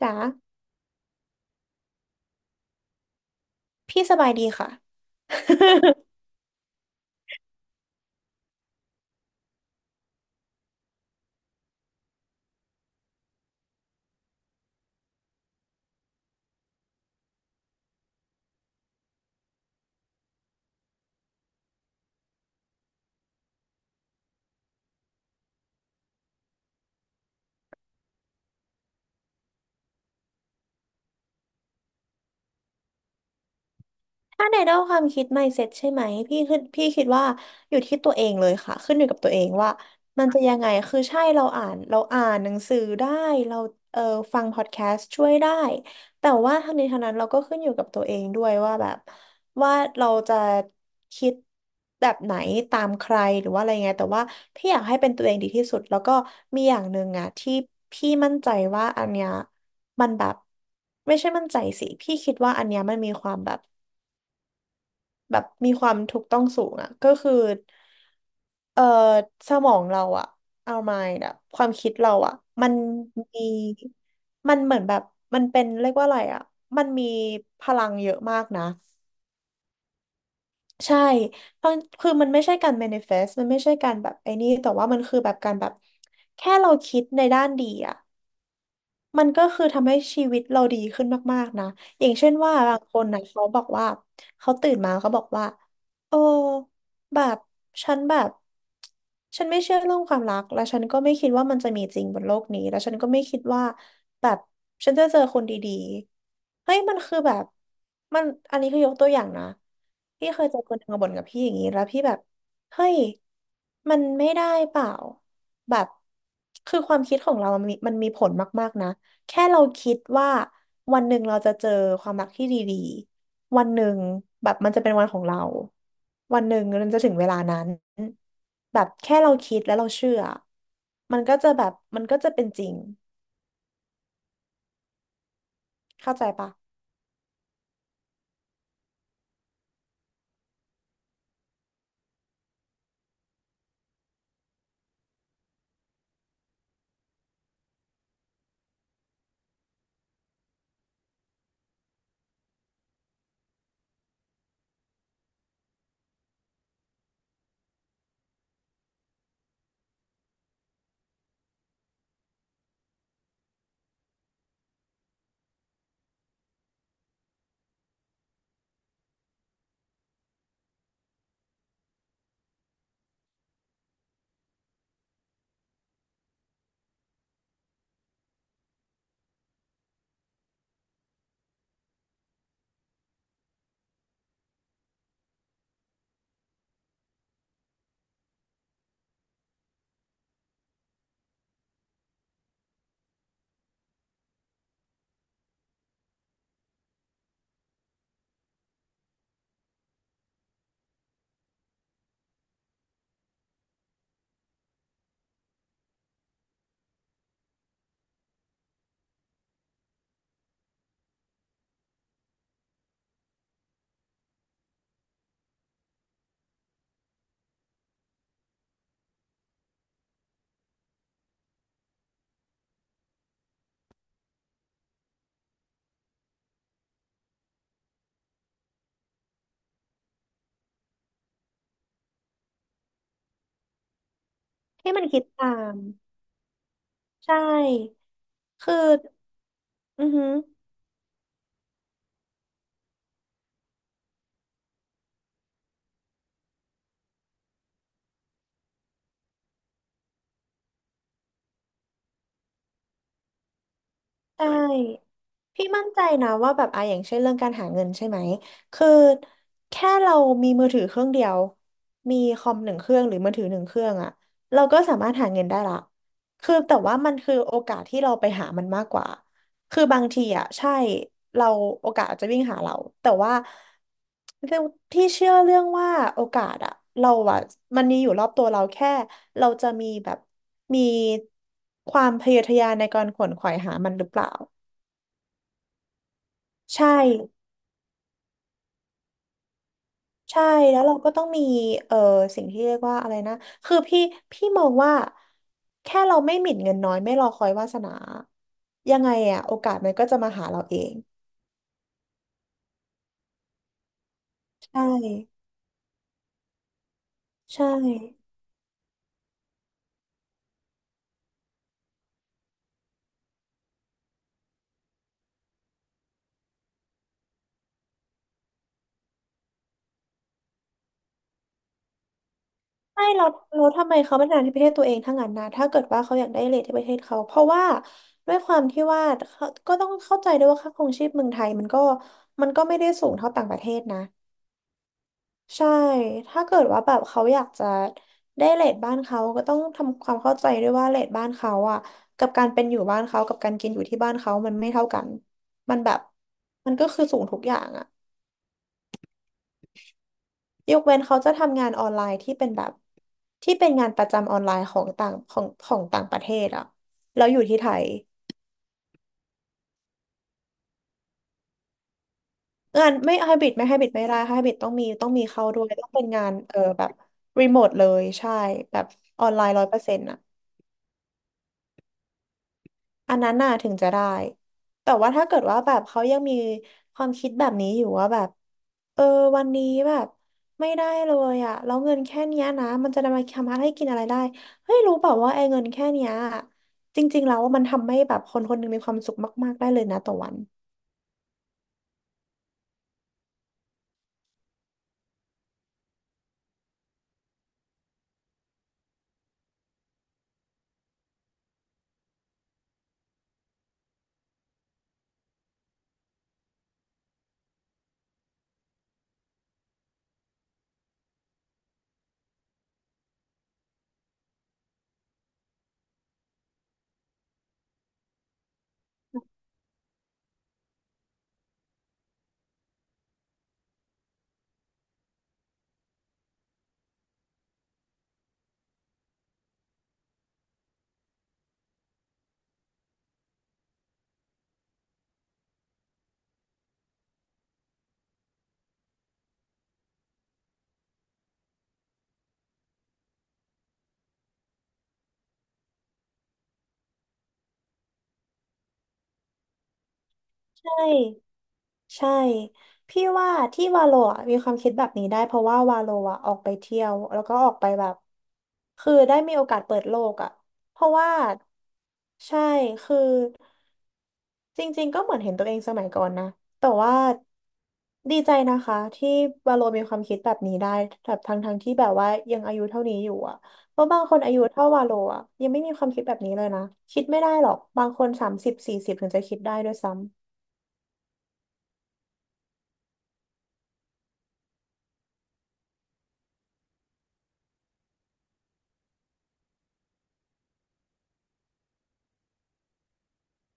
จ๋าพี่สบายดีค่ะ ถ้าในด้านความคิด mindset ใช่ไหมพี่คือพี่คิดว่าอยู่ที่ตัวเองเลยค่ะขึ้นอยู่กับตัวเองว่ามันจะยังไงคือใช่เราอ่านหนังสือได้เราเออฟังพอดแคสต์ช่วยได้แต่ว่าทั้งนี้ทั้งนั้นเราก็ขึ้นอยู่กับตัวเองด้วยว่าแบบว่าเราจะคิดแบบไหนตามใครหรือว่าอะไรไงแต่ว่าพี่อยากให้เป็นตัวเองดีที่สุดแล้วก็มีอย่างหนึ่งอะที่พี่มั่นใจว่าอันเนี้ยมันแบบไม่ใช่มั่นใจสิพี่คิดว่าอันเนี้ยมันมีความแบบ แบบมีความถูกต้องสูงอ่ะก็คือเอ่อสมองเราอ่ะเอามายอ่ะความคิดเราอ่ะมันมีมันเหมือนแบบมันเป็นเรียกว่าอะไรอ่ะมันมีพลังเยอะมากนะใช่เพราะคือมันไม่ใช่การ manifest มันไม่ใช่การแบบไอ้นี่แต่ว่ามันคือแบบการแบบแค่เราคิดในด้านดีอะ มันก็คือทำให้ชีวิตเราดีขึ้นมากๆนะอย่างเช่นว่าบางคนนะเขาบอกว่าเขาตื่นมาเขาบอกว่าโอ้แบบฉันแบบฉันไม่เชื่อเรื่องความรักและฉันก็ไม่คิดว่ามันจะมีจริงบนโลกนี้และฉันก็ไม่คิดว่าแบบฉันจะเจอคนดีๆเฮ้ยมันคือแบบมันอันนี้คือยกตัวอย่างนะพี่เคยเจอคนหนึ่งมาบ่นกับพี่อย่างนี้แล้วพี่แบบเฮ้ยมันไม่ได้เปล่าแบบคือความคิดของเรามันมีผลมากๆนะ แค่เราคิดว่าวันหนึ่งเราจะเจอความรักที่ดีๆวันหนึ่งแบบมันจะเป็นวันของเรา วันหนึ่งมันจะถึงเวลานั้นแบบแค่เราคิดแล้วเราเชื่อ มันก็จะแบบมันก็จะเป็นจริงเข้าใจปะให้มันคิดตามใช่คืออือหือ ใช่พี่มั่นใจนะว่าแบบอ่ะอย่างเช่นเรื่องการหาเงินใช่ไหมคือแค่เรามีมือถือเครื่องเดียวมีคอมหนึ่งเครื่องหรือมือถือหนึ่งเครื่องอะเราก็สามารถหาเงินได้ละคือแต่ว่ามันคือโอกาสที่เราไปหามันมากกว่า คือบางทีอ่ะใช่เราโอกาสอาจจะวิ่งหาเราแต่ว่าเรื่องที่เชื่อเรื่องว่าโอกาสอ่ะเราอ่ะมันมีอยู่รอบตัวเราแค่เราจะมีแบบมีความพยายามในการขวนขวายหามันหรือเปล่าใช่ใช่แล้วเราก็ต้องมีเอ่อสิ่งที่เรียกว่าอะไรนะคือพี่มองว่าแค่เราไม่หมิ่นเงินน้อยไม่รอคอยวาสนายังไงอะโอกาสมันก็จะมาหาเราเองใช่ใช่ ใช่เราทำไมเขาไม่ทำงานที่ประเทศตัวเองทั้งนั้นนะถ้าเกิดว่าเขาอยากได้เรทที่ประเทศเขาเพราะว่าด้วยความที่ว่าเขาก็ต้องเข้าใจด้วยว่าค่าครองชีพเมืองไทยมันก็ไม่ได้สูงเท่าต่างประเทศนะใช่ถ้าเกิดว่าแบบเขาอยากจะได้เรทบ้านเขาก็ต้องทำความเข้าใจด้วยว่าเรทบ้านเขาอ่ะกับการเป็นอยู่บ้านเขากับการกินอยู่ที่บ้านเขามันไม่เท่ากันมันแบบมันก็คือสูงทุกอย่างอ่ะ ยกเว้นเขาจะทำงานออนไลน์ที่เป็นแบบที่เป็นงานประจำออนไลน์ของต่างประเทศอะแล้วอยู่ที่ไทยงานไม่ได้ไฮบริดต้องมีเข้าด้วยต้องเป็นงานแบบรีโมทเลยใช่แบบออนไลน์100%อะ อันนั้นน่ะถึงจะได้ แต่ว่าถ้าเกิดว่าแบบเขายังมีความคิดแบบนี้อยู่ว่าแบบเออวันนี้แบบไม่ได้เลยอะแล้วเงินแค่เนี้ยนะมันจะนำมาทำให้กินอะไรได้เฮ้ยรู้เปล่าว่าไอ้เงินแค่เนี้ยจริงๆแล้วว่ามันทำให้แบบคนคนหนึงมีความสุขมากๆได้เลยนะต่อวัน ใช่ใช่พี่ว่าที่วาโลอะมีความคิดแบบนี้ได้เพราะว่าวาโลอะออกไปเที่ยวแล้วก็ออกไปแบบคือได้มีโอกาสเปิดโลกอะเพราะว่าใช่คือจริงๆก็เหมือนเห็นตัวเองสมัยก่อนนะแต่ว่าดีใจนะคะที่วาโลมีความคิดแบบนี้ได้แบบทั้งที่แบบว่ายังอายุเท่านี้อยู่อะเพราะบางคนอายุเท่าวาโลอะยังไม่มีความคิดแบบนี้เลยนะคิดไม่ได้หรอกบางคน3040ถึงจะคิดได้ด้วยซ้ำ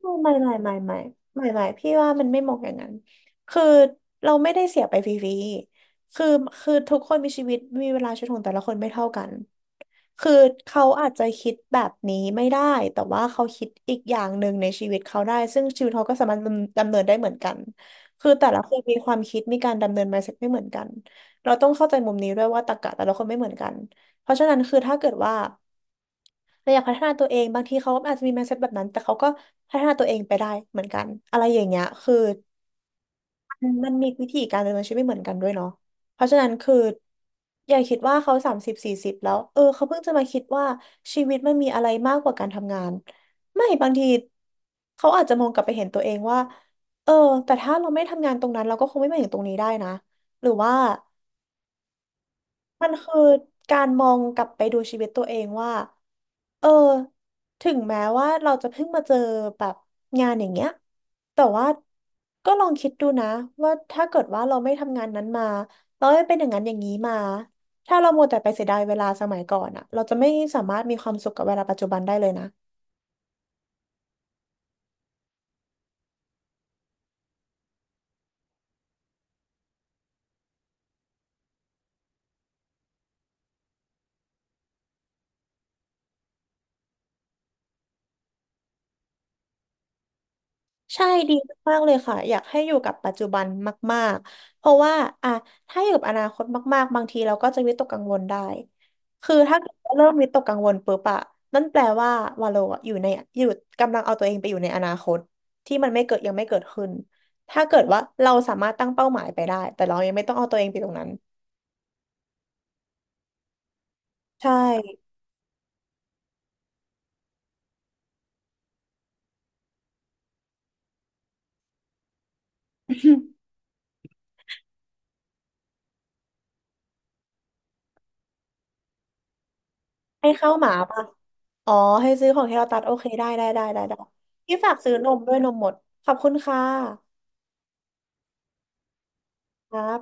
ไม่ไม่ไม่ไม่ไม่ไม่ไม่พี่ว่ามันไม่เหมาะอย่างนั้นคือเราไม่ได้เสียไปฟรีๆคือคือทุกคนมีชีวิตมีเวลาชีวิตของแต่ละคนไม่เท่ากันคือเขาอาจจะคิดแบบนี้ไม่ได้แต่ว่าเขาคิดอีกอย่างหนึ่งในชีวิตเขาได้ซึ่งชีวิตเขาก็สามารถดำเนินได้เหมือนกันคือแต่ละคนมีความคิดมีการดำเนิน mindset ไม่เหมือนกันเราต้องเข้าใจมุมนี้ด้วยว่าตรรกะแต่ละคนไม่เหมือนกันเพราะฉะนั้นคือถ้าเกิดว่า เราอยากพัฒนาตัวเองบางทีเขาอาจจะมี mindset แบบนั้นแต่เขาก็พัฒนาตัวเองไปได้เหมือนกันอะไรอย่างเงี้ยคือมันมีวิธีการดำเนินชีวิตไม่เหมือนกันด้วยเนาะเพราะฉะนั้นคืออย่าคิดว่าเขาสามสิบสี่สิบแล้วเออเขาเพิ่งจะมาคิดว่าชีวิตมันมีอะไรมากกว่าการทำงานไม่บางทีเขาอาจจะมองกลับไปเห็นตัวเองว่าเออแต่ถ้าเราไม่ทำงานตรงนั้นเราก็คงไม่มาถึงตรงนี้ได้นะหรือว่า มันคือการมองกลับไปดูชีวิตตัวเองว่าเออถึงแม้ว่าเราจะเพิ่งมาเจอแบบงานอย่างเงี้ยแต่ว่าก็ลองคิดดูนะว่าถ้าเกิดว่าเราไม่ทำงานนั้นมาเราไม่เป็นอย่างนั้นอย่างนี้มาถ้าเรามัวแต่ไปเสียดายเวลาสมัยก่อนอะเราจะไม่สามารถมีความสุขกับเวลาปัจจุบันได้เลยนะ ใช่ดีมากๆเลยค่ะอยากให้อยู่กับปัจจุบันมากๆเพราะว่าอ่ะถ้าอยู่กับอนาคตมากๆบางทีเราก็จะวิตกกังวลได้คือถ้าเกิดว่าเริ่มวิตกกังวลปุ๊บอะนั่นแปลว่าวาโลอะอยู่ในอยู่กำลังเอาตัวเองไปอยู่ในอนาคตที่มันไม่เกิดยังไม่เกิดขึ้นถ้าเกิดว่าเราสามารถตั้งเป้าหมายไปได้แต่เรายังไม่ต้องเอาตัวเองไปตรงนั้นใช่ ให้เข้าวหมาป่ะอ๋อให้ซื้อของที่เราตัดโอเคได้ได้ได้ได้ได้ที่ฝากซื้อนมด้วยนมหมดขอบคุณค่ะครับ